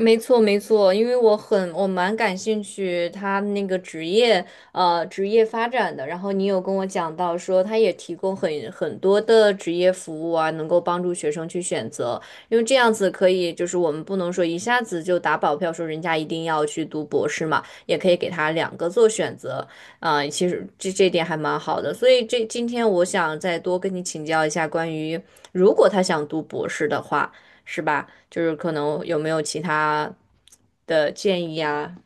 没错，没错，因为我蛮感兴趣他那个职业发展的，然后你有跟我讲到说他也提供很多的职业服务啊，能够帮助学生去选择，因为这样子可以就是我们不能说一下子就打保票说人家一定要去读博士嘛，也可以给他两个做选择，啊、其实这点还蛮好的，所以今天我想再多跟你请教一下关于如果他想读博士的话。是吧？就是可能有没有其他的建议啊？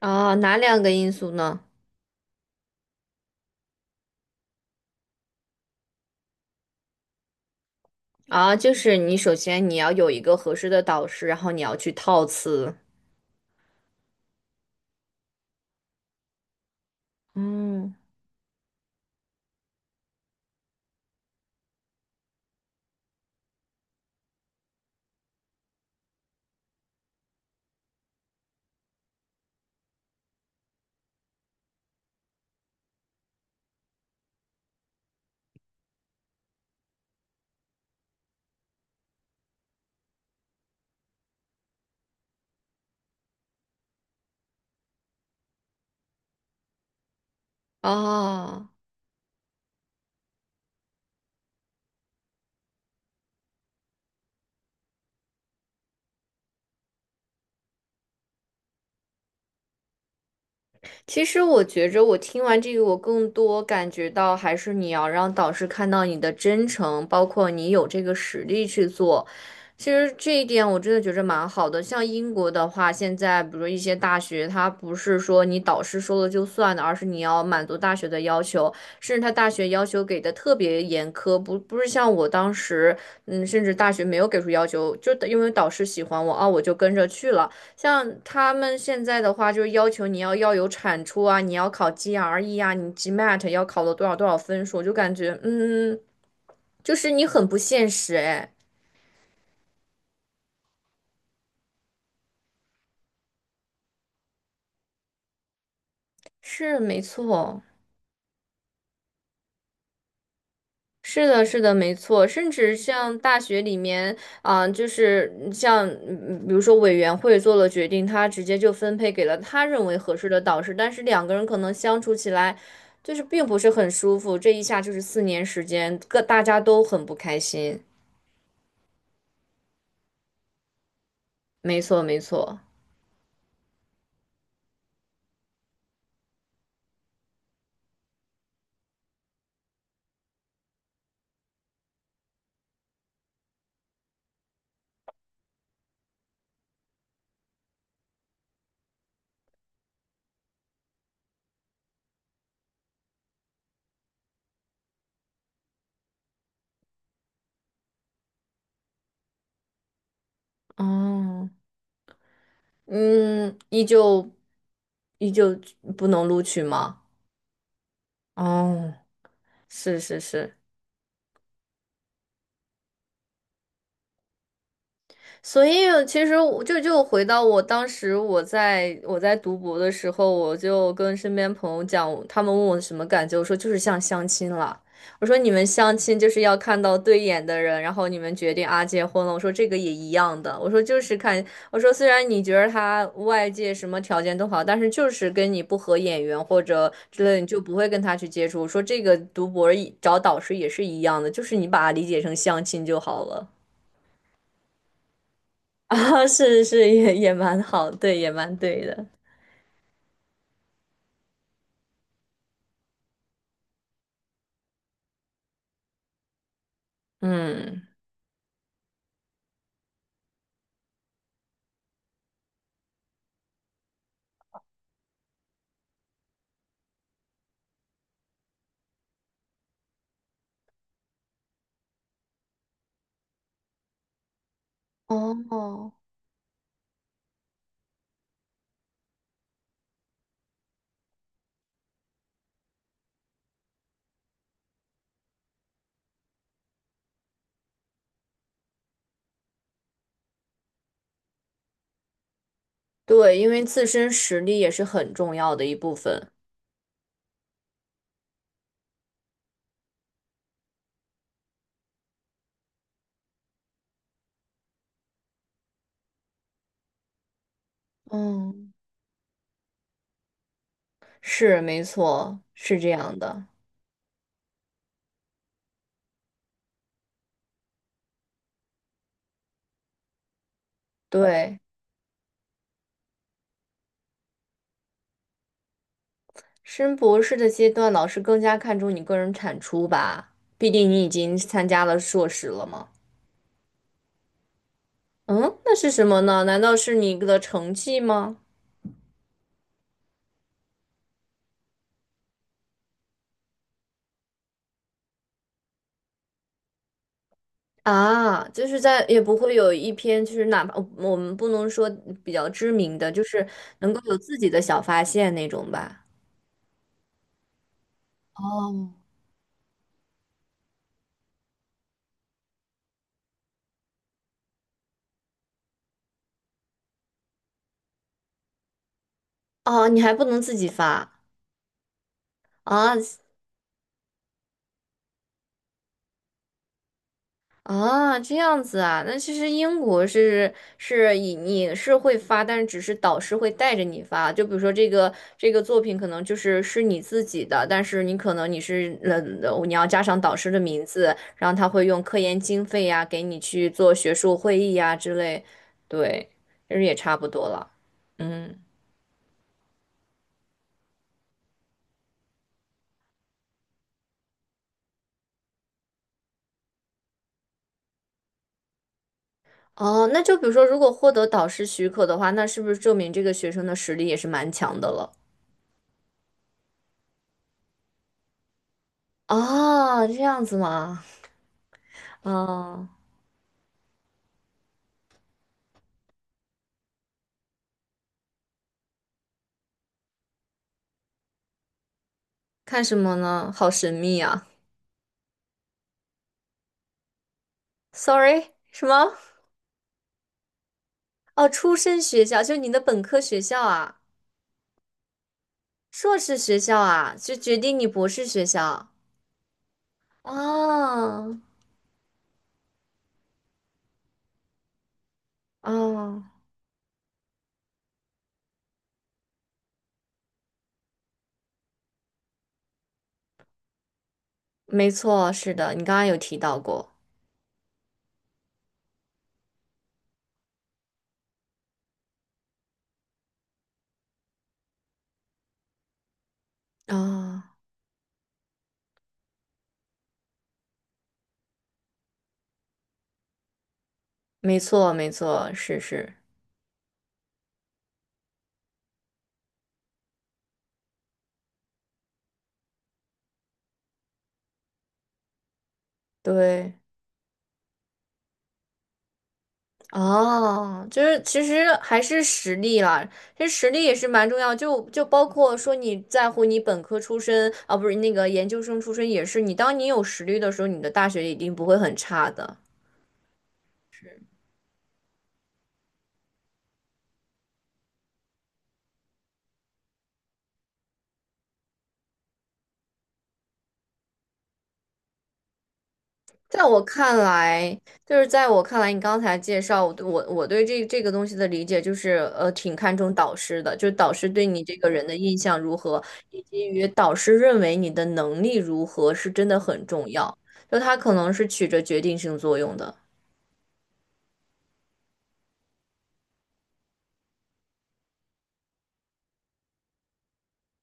啊，哪两个因素呢？啊，就是你首先要有一个合适的导师，然后你要去套词。嗯，哦。其实我觉着，我听完这个，我更多感觉到还是你要让导师看到你的真诚，包括你有这个实力去做。其实这一点我真的觉着蛮好的。像英国的话，现在比如说一些大学，它不是说你导师说了就算的，而是你要满足大学的要求，甚至他大学要求给的特别严苛，不是像我当时，嗯，甚至大学没有给出要求，就因为导师喜欢我啊，我就跟着去了。像他们现在的话，就是要求你要有产出啊，你要考 GRE 啊，你 GMAT 要考了多少多少分数，就感觉,就是你很不现实哎。是没错，是的，是的，没错。甚至像大学里面啊、就是像比如说委员会做了决定，他直接就分配给了他认为合适的导师，但是两个人可能相处起来就是并不是很舒服，这一下就是4年时间，各大家都很不开心。没错，没错。哦，嗯，依旧不能录取吗？哦，是是是。所以其实我就回到我当时我在读博的时候，我就跟身边朋友讲，他们问我什么感觉，我说就是像相亲了。我说你们相亲就是要看到对眼的人，然后你们决定啊结婚了。我说这个也一样的，我说就是看，我说虽然你觉得他外界什么条件都好，但是就是跟你不合眼缘或者之类的，你就不会跟他去接触。我说这个读博找导师也是一样的，就是你把它理解成相亲就好了。啊，是是，也蛮好，对，也蛮对的。嗯，哦，对，因为自身实力也是很重要的一部分。嗯，是，没错，是这样的。对，升博士的阶段，老师更加看重你个人产出吧，毕竟你已经参加了硕士了嘛。嗯，那是什么呢？难道是你的成绩吗？啊，就是在也不会有一篇，就是哪怕我们不能说比较知名的，就是能够有自己的小发现那种吧。哦，哦，你还不能自己发啊？啊，这样子啊，那其实英国是以你是会发，但是只是导师会带着你发。就比如说这个作品可能就是是你自己的，但是你可能你要加上导师的名字，然后他会用科研经费呀、给你去做学术会议呀、之类，对，其实也差不多了，嗯。哦，那就比如说，如果获得导师许可的话，那是不是证明这个学生的实力也是蛮强的了？啊，这样子吗？啊。看什么呢？好神秘啊！Sorry,什么？哦，出身学校，就你的本科学校啊，硕士学校啊，就决定你博士学校。哦，哦，没错，是的，你刚刚有提到过。啊、没错，没错，是是，对。哦，就是其实还是实力啦，其实实力也是蛮重要，就包括说你在乎你本科出身啊，不是那个研究生出身也是，你当你有实力的时候，你的大学一定不会很差的。在我看来，就是在我看来，你刚才介绍我对这个东西的理解就是，挺看重导师的，就是导师对你这个人的印象如何，以及于导师认为你的能力如何，是真的很重要，就他可能是起着决定性作用的。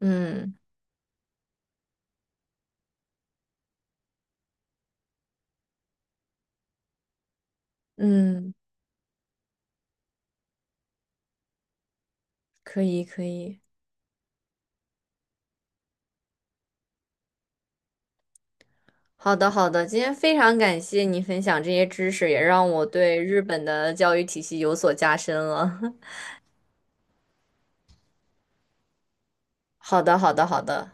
嗯嗯，可以可以，好的好的，今天非常感谢你分享这些知识，也让我对日本的教育体系有所加深了。好的好的好的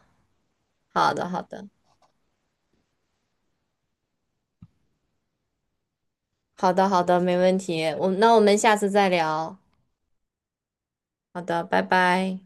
好的好的好的好的，没问题。我那我们下次再聊。好的，拜拜。